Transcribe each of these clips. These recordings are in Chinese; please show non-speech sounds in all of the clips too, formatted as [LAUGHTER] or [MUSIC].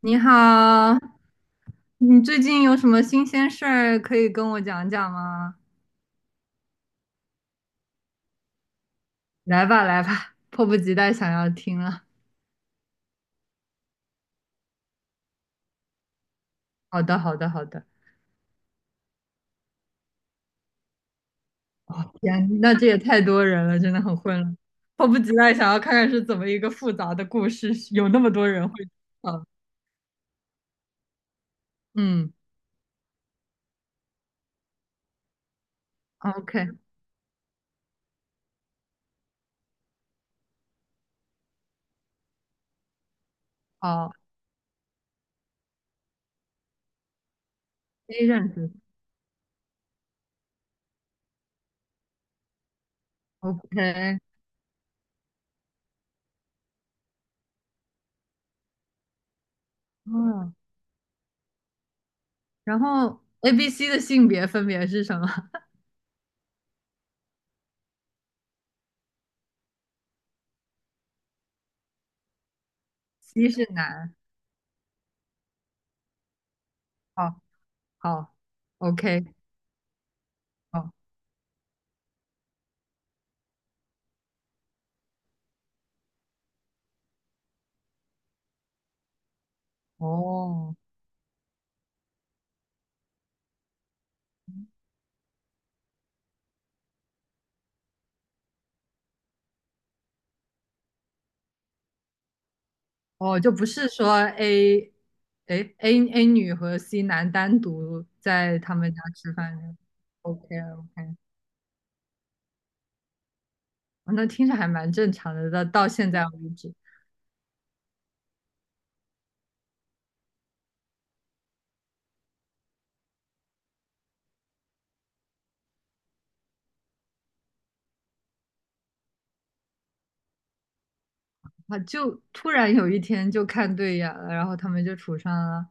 你好，你最近有什么新鲜事儿可以跟我讲讲吗？来吧，来吧，迫不及待想要听了。好的，好的，好的。哦，天，那这也太多人了，真的很混乱。迫不及待想要看看是怎么一个复杂的故事，有那么多人会。嗯嗯，OK，好，A 认识，OK，嗯，然后 A、B、C 的性别分别是什么？C 是男，好，好，OK，好，哦。哦，就不是说 A，哎 A 女和 C 男单独在他们家吃饭的 OK OK，那听着还蛮正常的，到现在为止，啊，就突然有一天就看对眼了，然后他们就处上了。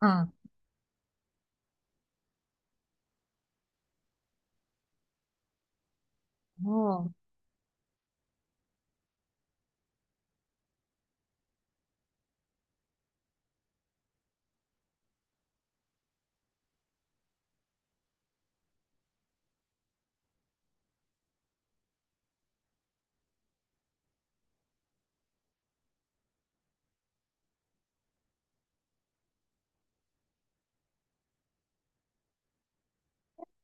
嗯，哦，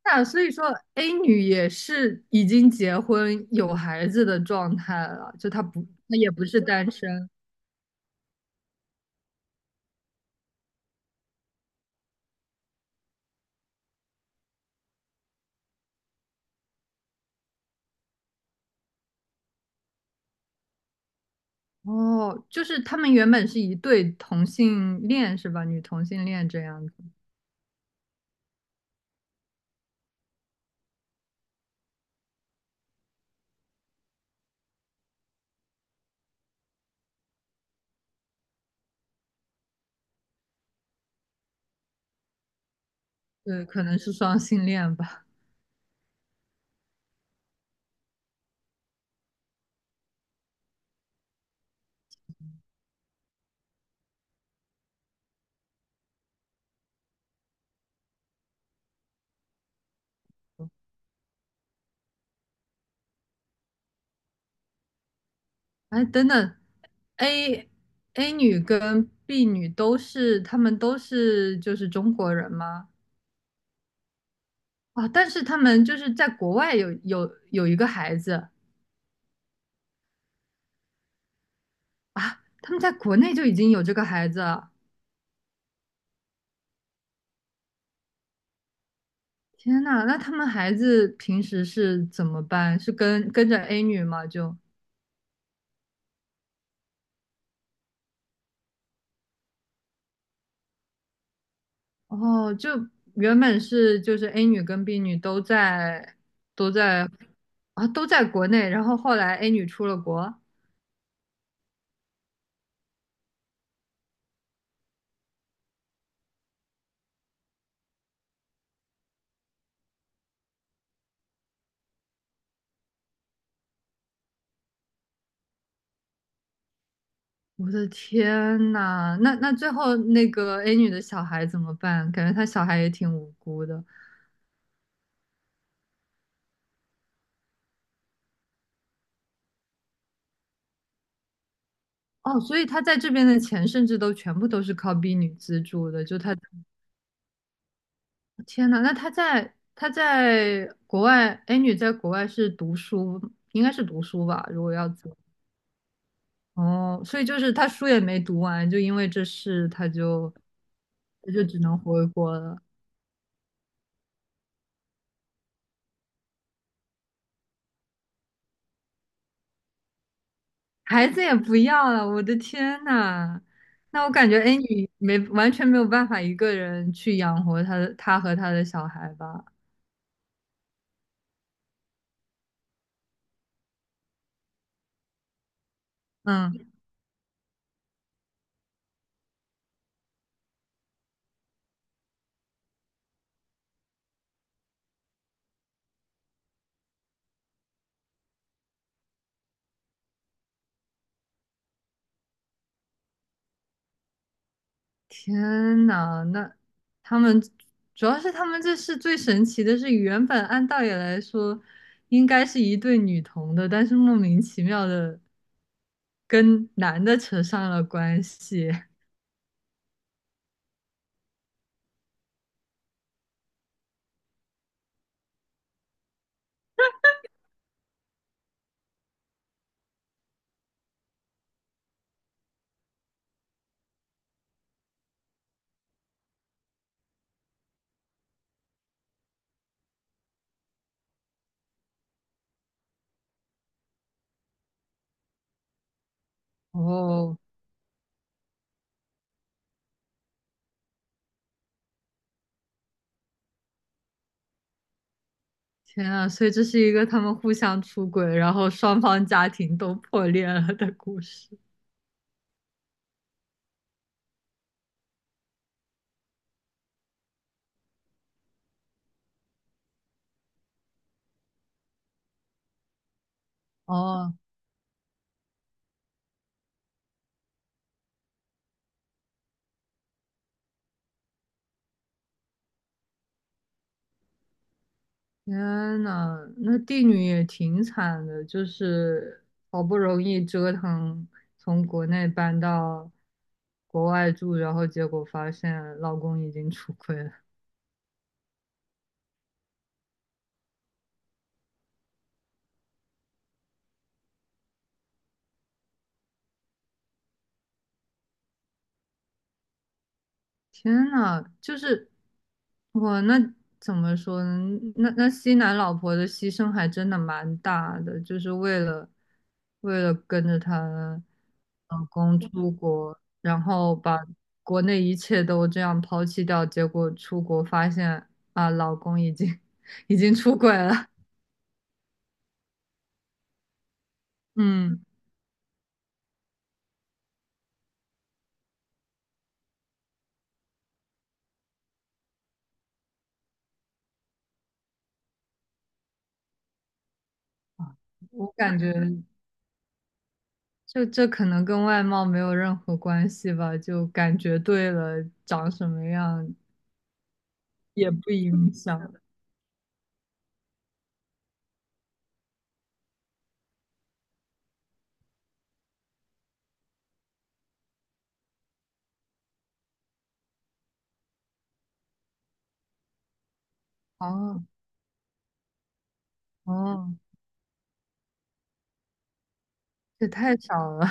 那所以说 A 女也是已经结婚有孩子的状态了，就她不，她也不是单身。哦，就是他们原本是一对同性恋是吧？女同性恋这样子。对，可能是双性恋吧。哎，等等，A A 女跟 B 女都是，她们都是就是中国人吗？啊，但是她们就是在国外有一个孩子啊，她们在国内就已经有这个孩子了。天呐，那他们孩子平时是怎么办？是跟着 A 女吗？就哦，就原本是就是 A 女跟 B 女都在啊都在国内，然后后来 A 女出了国。我的天呐，那那最后那个 A 女的小孩怎么办？感觉她小孩也挺无辜的哦，所以她在这边的钱甚至都全部都是靠 B 女资助的，就她，天呐，那她在国外，A 女在国外是读书，应该是读书吧，如果要走哦，所以就是她书也没读完，就因为这事，她就她就只能回国了。孩子也不要了，我的天呐！那我感觉，哎，你没完全没有办法一个人去养活他的，他和他的小孩吧？嗯，天呐，那他们主要是他们这是最神奇的是，原本按道理来说应该是一对女童的，但是莫名其妙的跟男的扯上了关系。哦，天啊！所以这是一个他们互相出轨，然后双方家庭都破裂了的故事。哦，天呐，那帝女也挺惨的，就是好不容易折腾从国内搬到国外住，然后结果发现老公已经出轨了。天呐，就是哇，那怎么说呢？那那西南老婆的牺牲还真的蛮大的，就是为了跟着她老公出国，然后把国内一切都这样抛弃掉，结果出国发现啊，老公已经 [LAUGHS] 已经出轨了。嗯，我感觉就这可能跟外貌没有任何关系吧，就感觉对了，长什么样也不影响。哦哦，这太少了，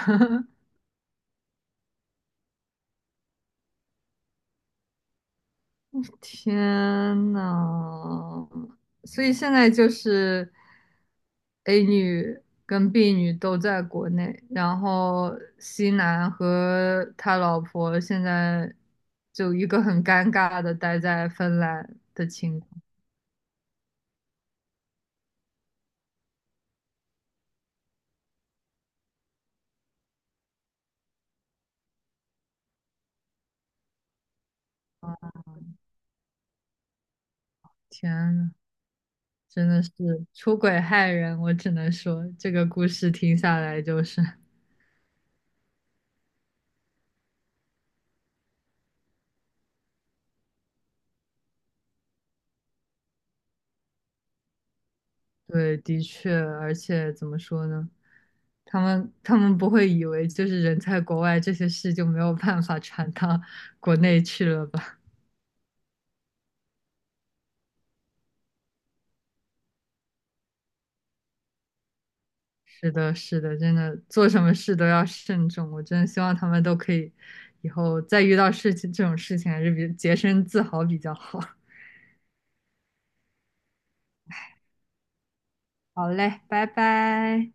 [LAUGHS] 天呐！所以现在就是 A 女跟 B 女都在国内，然后 C 男和他老婆现在就一个很尴尬的待在芬兰的情况。天呐，真的是出轨害人，我只能说这个故事听下来就是。对，的确，而且怎么说呢？他们不会以为就是人在国外这些事就没有办法传到 [LAUGHS] 国内去了吧？是的，是的，真的做什么事都要慎重。我真的希望他们都可以以后再遇到这种事情，还是比节身自好比较好。好嘞，拜拜。